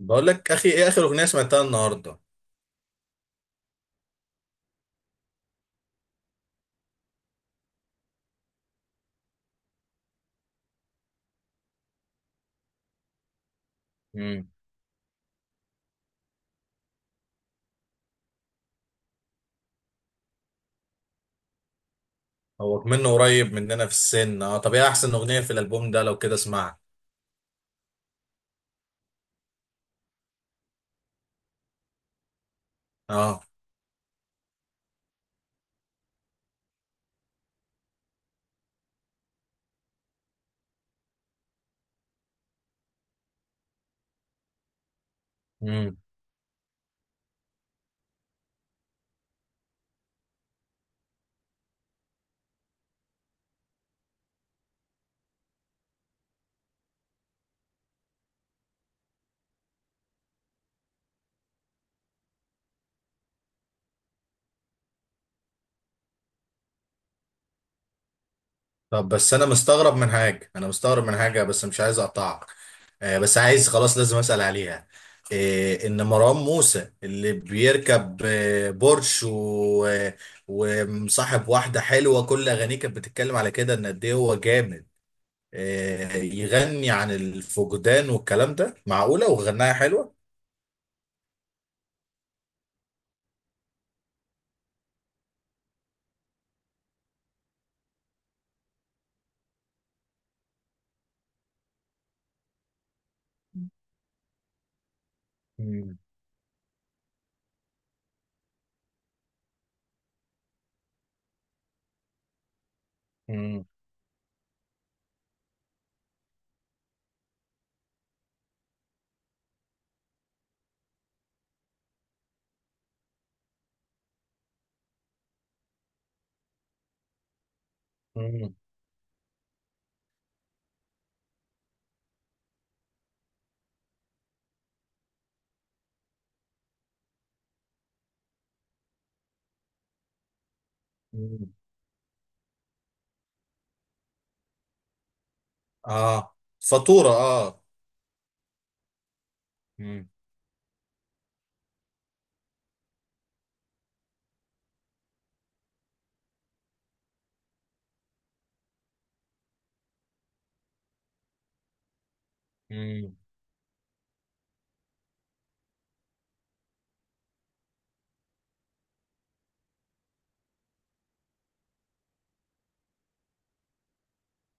بقول لك اخي، ايه اخر اغنيه سمعتها النهارده؟ امم. هو منه قريب مننا في السن. اه، طب ايه احسن اغنيه في الالبوم ده لو كده اسمعها؟ اه. امم. طب، بس انا مستغرب من حاجه، بس مش عايز اقطعك. آه، بس عايز خلاص لازم اسال عليها. إيه ان مروان موسى اللي بيركب بورش و ومصاحب واحده حلوه، كل اغانيه كانت بتتكلم على كده ان قد ايه هو جامد. إيه، يغني عن الفقدان والكلام ده، معقوله وغناها حلوه؟ مم. مم. مم. مم. اه، فاتورة، اه. مم. مم.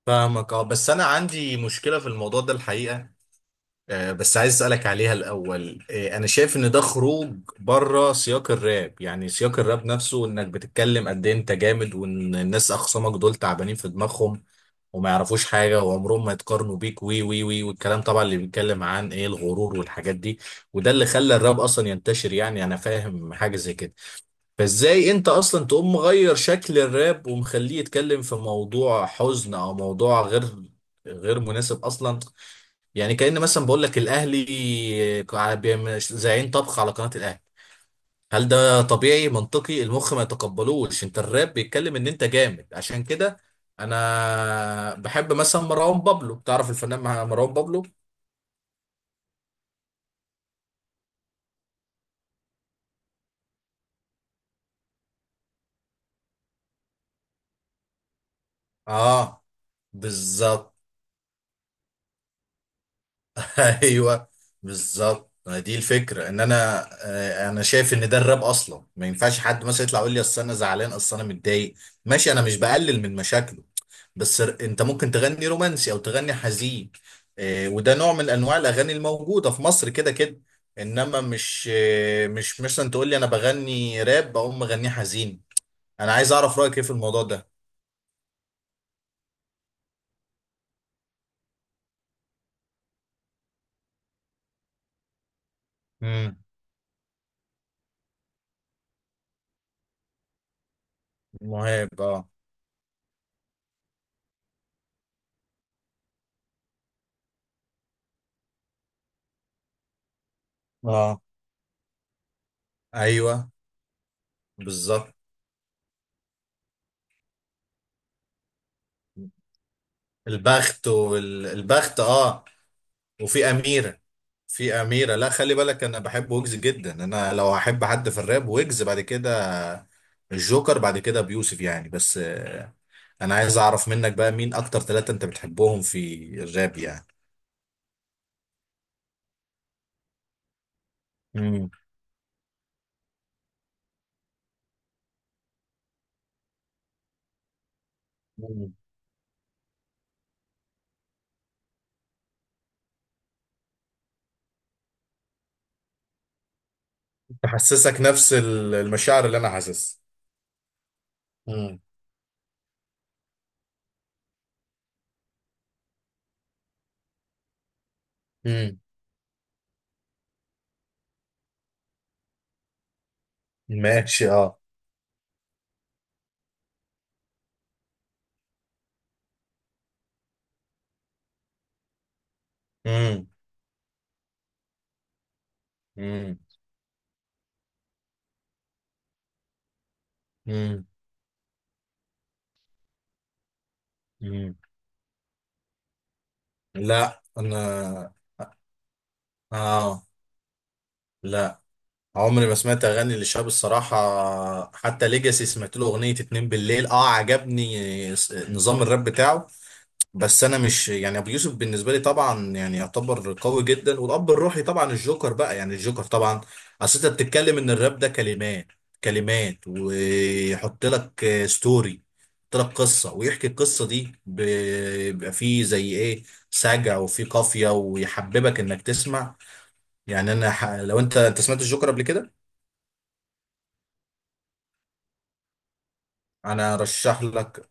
فاهمك. اه، بس انا عندي مشكلة في الموضوع ده الحقيقة. آه، بس عايز اسألك عليها الاول. انا شايف ان ده خروج بره سياق الراب، يعني سياق الراب نفسه انك بتتكلم قد ايه انت جامد، وان الناس اخصامك دول تعبانين في دماغهم وما يعرفوش حاجة وعمرهم ما يتقارنوا بيك، وي وي وي، والكلام طبعا اللي بيتكلم عن ايه الغرور والحاجات دي. وده اللي خلى الراب اصلا ينتشر، يعني انا فاهم حاجة زي كده. فازاي انت اصلا تقوم مغير شكل الراب ومخليه يتكلم في موضوع حزن او موضوع غير مناسب اصلا؟ يعني كأن مثلا بقول لك الاهلي زعيم طبخ على قناة الاهلي. هل ده طبيعي؟ منطقي المخ ما يتقبلوش. انت الراب بيتكلم ان انت جامد عشان كده. انا بحب مثلا مروان بابلو، تعرف الفنان مروان بابلو؟ اه. بالظبط. ايوه. بالظبط، ما دي الفكره. ان انا شايف ان ده الراب اصلا ما ينفعش حد مثلا يطلع يقول لي اصل انا زعلان اصل انا متضايق. ماشي، انا مش بقلل من مشاكله. بس، انت ممكن تغني رومانسي او تغني حزين. وده نوع من انواع الاغاني الموجوده في مصر كده كده. انما مش مثلا تقول لي انا بغني راب اقوم مغنيه حزين. انا عايز اعرف رايك ايه في الموضوع ده؟ امم. مهاب، اه. اه. ايوه. بالظبط. البخت والبخت، اه. وفي اميره. في اميره. لا، خلي بالك، انا بحب ويجز جدا. انا لو احب حد في الراب، ويجز، بعد كده الجوكر، بعد كده بيوسف يعني. بس انا عايز اعرف منك بقى مين اكتر ثلاثه انت بتحبهم في الراب يعني؟ امم. تحسسك نفس المشاعر اللي انا حاسسها. امم. امم. ماشي، اه. امم. امم. امم. امم. لا، انا. اه. لا. عمري ما سمعت اغاني للشاب الصراحه. حتى ليجاسي سمعت له اغنيه اتنين بالليل، اه عجبني نظام الراب بتاعه. بس انا مش، يعني، ابو يوسف بالنسبه لي طبعا يعني يعتبر قوي جدا، والاب الروحي طبعا الجوكر بقى، يعني الجوكر طبعا. اصل انت بتتكلم ان الراب ده كلمات، كلمات ويحط لك ستوري، يحط لك قصه ويحكي القصه دي، بيبقى فيه زي ايه، سجع وفيه قافيه ويحببك انك تسمع. يعني انا، لو انت سمعت الجوكر قبل كده. انا ارشح لك.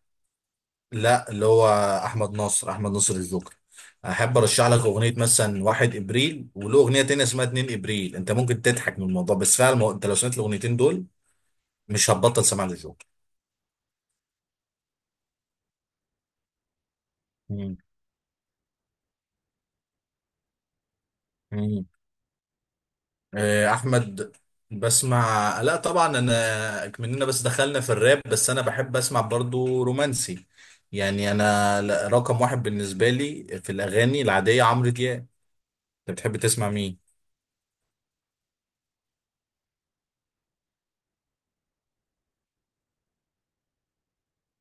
لا، اللي هو احمد ناصر، احمد ناصر الجوكر. احب ارشح لك اغنيه مثلا 1 ابريل، وله اغنيه تانية اسمها 2 ابريل. انت ممكن تضحك من الموضوع، بس فعلا انت لو سمعت الاغنيتين دول مش هتبطل سماع للجوكر. مم. مم. احمد، بسمع. لا طبعا انا مننا بس دخلنا في الراب، بس انا بحب اسمع برضو رومانسي. يعني انا، رقم واحد بالنسبه لي في الاغاني العاديه عمرو دياب. انت بتحب تسمع مين؟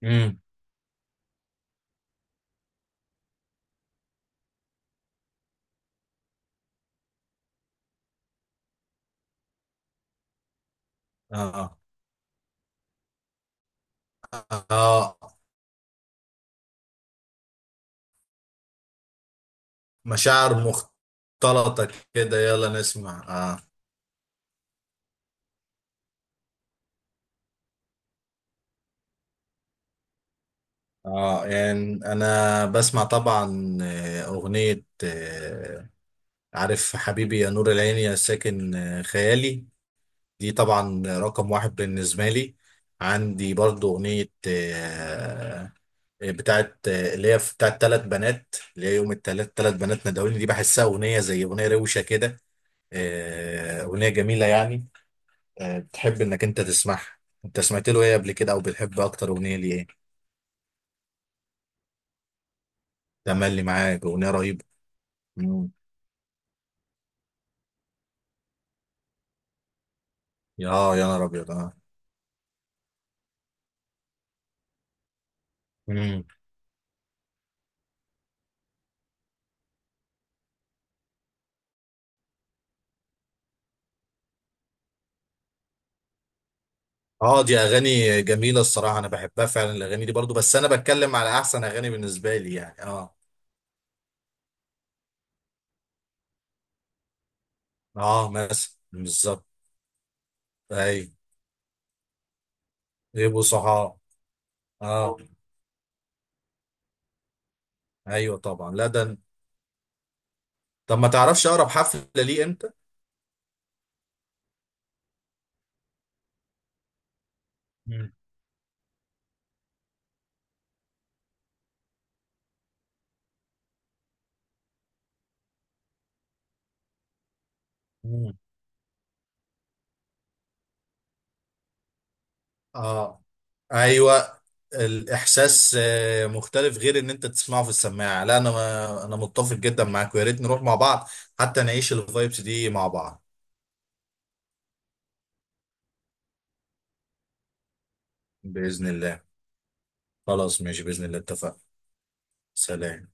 امم. اه. اه، مشاعر مختلطة كده. يلا نسمع. اه. اه، يعني انا بسمع طبعا اغنية عارف؟ حبيبي يا نور العين، يا ساكن خيالي. دي طبعا رقم واحد بالنسبة لي. عندي برضو اغنية بتاعت آه، اللي هي بتاعت ثلاث بنات، اللي هي يوم الثلاث ثلاث بنات ندعوني. دي بحسها اغنية زي اغنية روشة كده. اغنية جميلة يعني. بتحب انك انت تسمعها. انت سمعت له ايه قبل كده، او بتحب اكتر اغنيه ليه ايه؟ تملي معاك، اغنيه رهيبه. مم. اه، يا نهار ابيض، اه. مم. اه، دي اغاني جميله الصراحه، انا بحبها فعلا الاغاني دي برضو، بس انا بتكلم على احسن اغاني بالنسبه لي يعني. اه. اه، مثلا بالظبط. ايوه. يبقوا صحاب. اه، ايوه طبعا. لا ده. طب ما تعرفش اقرب حفله ليه امتى؟ مم. مم. اه. ايوه. الاحساس مختلف، غير ان انت تسمعه في السماعه. لا، انا متفق جدا معاك، ويا ريت نروح مع بعض حتى نعيش الفايبس دي مع بعض. باذن الله. خلاص، ماشي باذن الله، اتفقنا. سلام.